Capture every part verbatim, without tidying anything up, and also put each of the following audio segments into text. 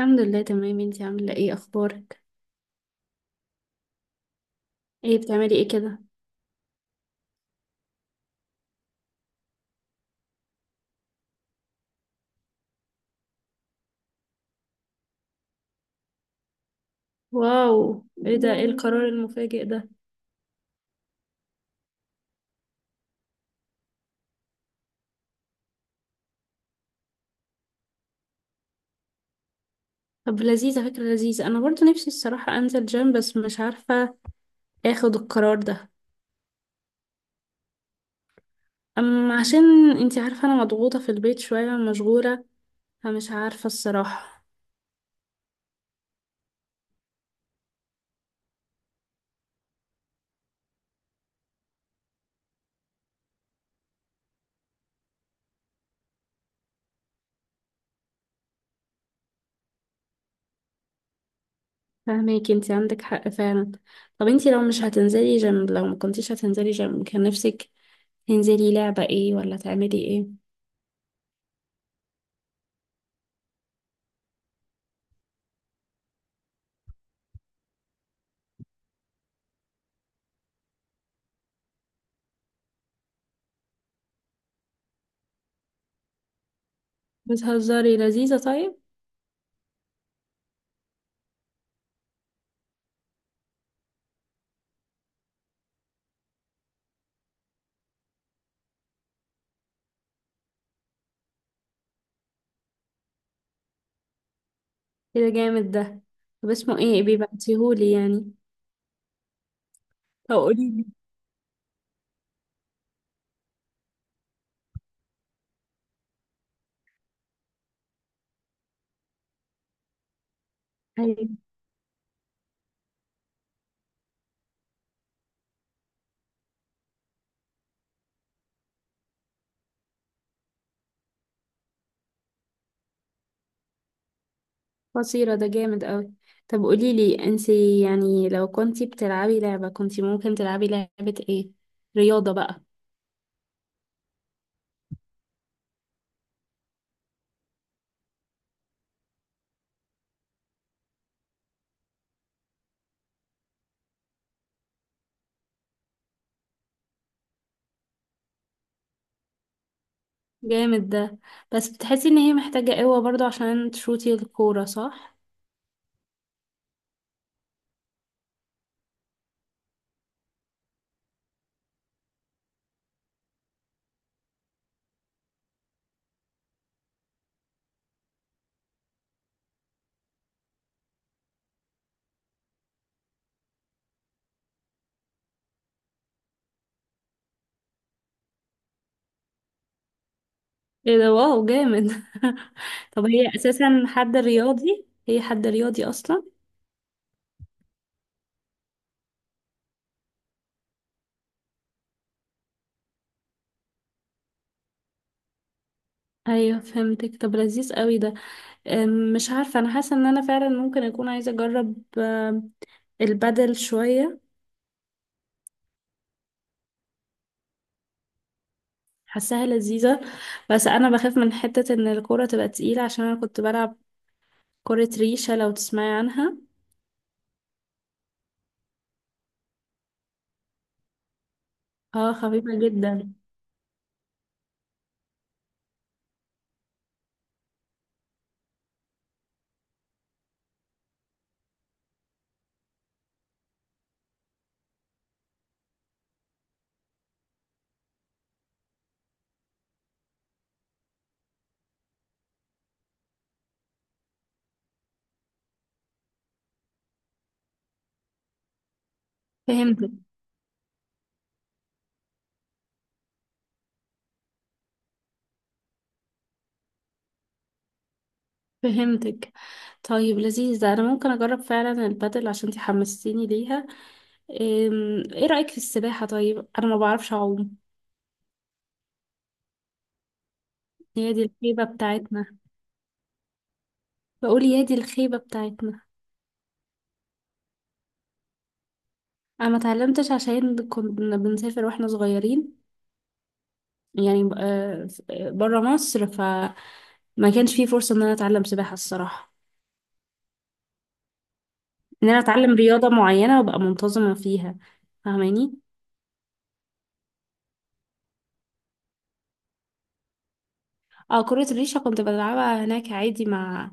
الحمد لله، تمام. انتي عاملة ايه؟ اخبارك؟ ايه بتعملي ايه كده؟ واو، ايه ده؟ ايه القرار المفاجئ ده؟ طب لذيذة، فكرة لذيذة. انا برضو نفسي الصراحة انزل جيم بس مش عارفة اخد القرار ده. اما عشان انتي عارفة انا مضغوطة في البيت شوية، مشغولة، فمش عارفة الصراحة. فهماكي، انتي عندك حق فعلا. طب انتي، لو مش هتنزلي جيم، لو ما كنتيش هتنزلي جيم كان نفسك تنزلي لعبة ايه، ولا تعملي ايه؟ بتهزري؟ لذيذة، طيب. ايه ده جامد ده! طب اسمه ايه؟ بيبعتيهولي يعني. طب قوليلي. ايوه. قصيرة، ده جامد قوي. طب قوليلي انتي، يعني لو كنتي بتلعبي لعبة كنتي ممكن تلعبي لعبة ايه، رياضة بقى؟ جامد ده. بس بتحسي ان هي محتاجة قوة برضو عشان تشوتي الكورة، صح؟ ايه ده، واو جامد! طب هي اساسا حد رياضي، هي حد رياضي اصلا؟ ايوه، فهمتك. طب لذيذ قوي ده. أم، مش عارفة، انا حاسة ان انا فعلا ممكن اكون عايزة اجرب آه، البدل شوية. حاساها لذيذة. بس أنا بخاف من حتة إن الكورة تبقى تقيلة، عشان أنا كنت بلعب كرة ريشة، لو تسمعي عنها. اه، خفيفة جدا. فهمتك، فهمتك. طيب، لذيذ ده. أنا ممكن أجرب فعلا البدل عشان انتي حمستيني ليها. أم، ايه رأيك في السباحة؟ طيب أنا ما بعرفش أعوم. هي دي الخيبة بتاعتنا. بقول يا دي الخيبة بتاعتنا. أنا ما اتعلمتش عشان كنا بنسافر واحنا صغيرين، يعني آه، بره مصر، فما كانش في فرصة ان انا اتعلم سباحة الصراحة. ان انا اتعلم رياضة معينة وابقى منتظمة فيها، فاهماني؟ اه، كرة الريشة كنت بلعبها هناك عادي مع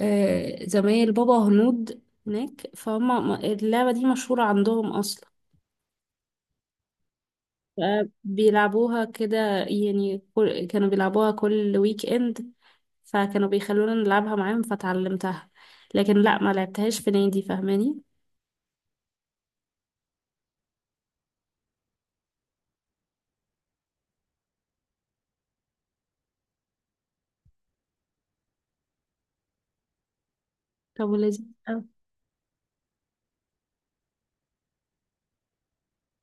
آه، زمايل بابا هنود هناك، فهم اللعبة دي مشهورة عندهم اصلا. بيلعبوها كده يعني، كل- كانوا بيلعبوها كل ويك اند. فكانوا بيخلونا نلعبها معاهم فتعلمتها. لكن لا، ما لعبتهاش في نادي، فاهماني؟ طب، ولذيذ.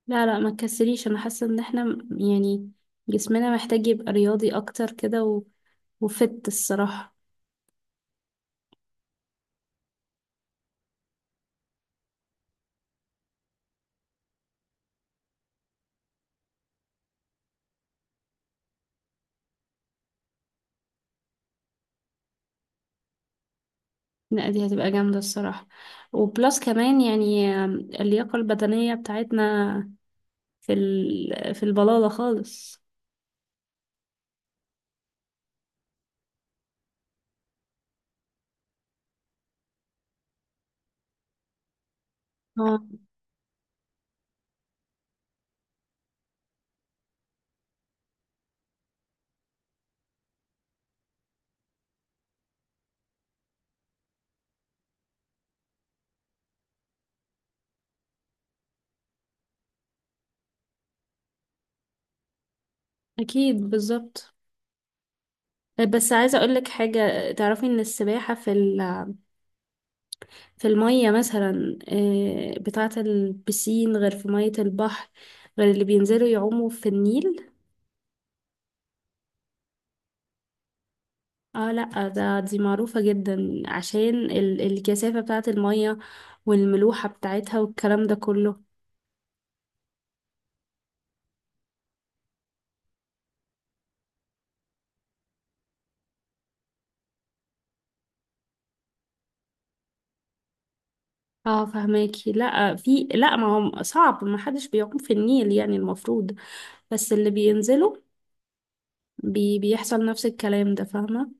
لا لا، ما تكسليش، انا حاسه ان احنا م- يعني جسمنا محتاج يبقى رياضي اكتر كده و... وفت الصراحه. لا، دي هتبقى جامده الصراحه. وبلس كمان يعني آم، اللياقه البدنيه بتاعتنا في ال... في البلاله خالص. اه، اكيد بالظبط. بس عايزه اقول لك حاجه، تعرفي ان السباحه في ال... في الميه مثلا، آه، بتاعه البسين، غير في ميه البحر. غير اللي بينزلوا يعوموا في النيل. اه لا، ده دي معروفة جدا عشان ال الكثافة بتاعة المية والملوحة بتاعتها والكلام ده كله. اه، فهماكي. لا، في، لا، ما هو صعب، ما حدش بيعوم في النيل يعني، المفروض. بس اللي بينزلوا بي بيحصل نفس الكلام ده، فاهمة؟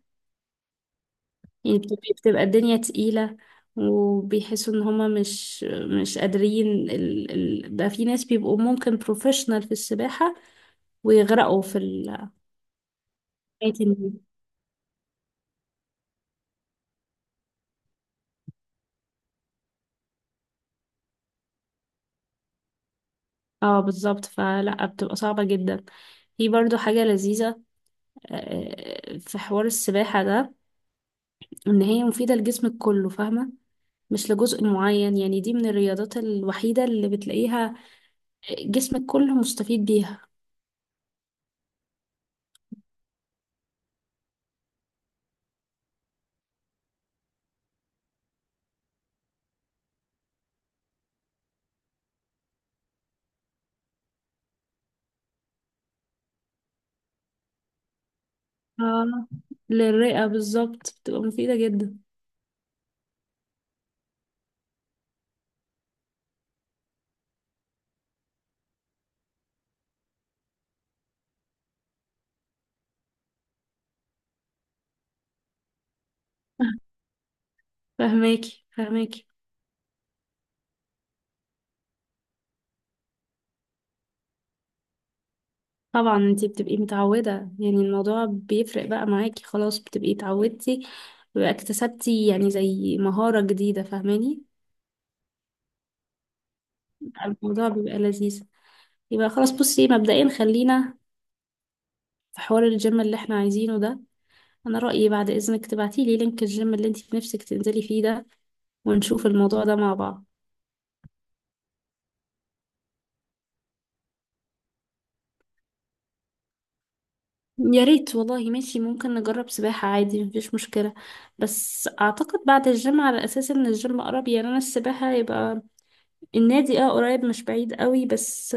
يعني بتبقى بتبقى الدنيا تقيلة. وبيحسوا ان هما مش مش قادرين. ال ال ده في ناس بيبقوا ممكن بروفيشنال في السباحة. ويغرقوا في ال، اه، بالظبط. فلا، بتبقى صعبة جدا. في برضو حاجة لذيذة، آه، آه، في حوار السباحة ده. ان هي مفيدة لجسمك كله، فاهمة؟ مش لجزء معين. يعني دي من الرياضات الوحيدة اللي بتلاقيها جسمك كله مستفيد بيها. اه، للرئة بالظبط، بتبقى مفيدة جدا. فهماكي، فهماكي. طبعا، انتي بتبقي متعودة. يعني الموضوع بيفرق بقى معاكي، خلاص بتبقي اتعودتي، بقى اكتسبتي يعني زي مهارة جديدة، فاهماني؟ الموضوع بيبقى لذيذ. يبقى خلاص، بصي مبدئيا خلينا في حوار الجيم اللي احنا عايزينه ده. انا رأيي بعد اذنك تبعتي لي لينك الجيم اللي انت في نفسك تنزلي فيه ده، ونشوف الموضوع ده مع بعض. يا ريت والله. ماشي، ممكن نجرب سباحة عادي، مفيش مشكلة. بس أعتقد بعد الجيم على أساس إن الجيم قرب. يعني أنا السباحة يبقى النادي اه قريب، مش بعيد قوي بس.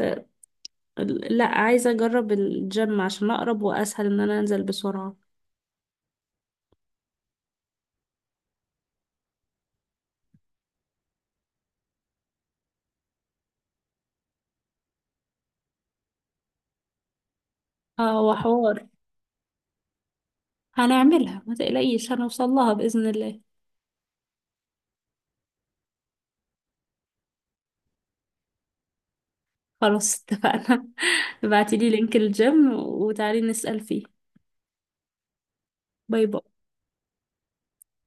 لا، عايزة أجرب الجيم عشان أقرب وأسهل إن أنا أنزل بسرعة. اه، وحوار. هنعملها ما تقلقيش، هنوصل لها بإذن الله. خلاص، اتفقنا. ابعتيلي لينك الجيم وتعالي نسأل فيه. باي باي.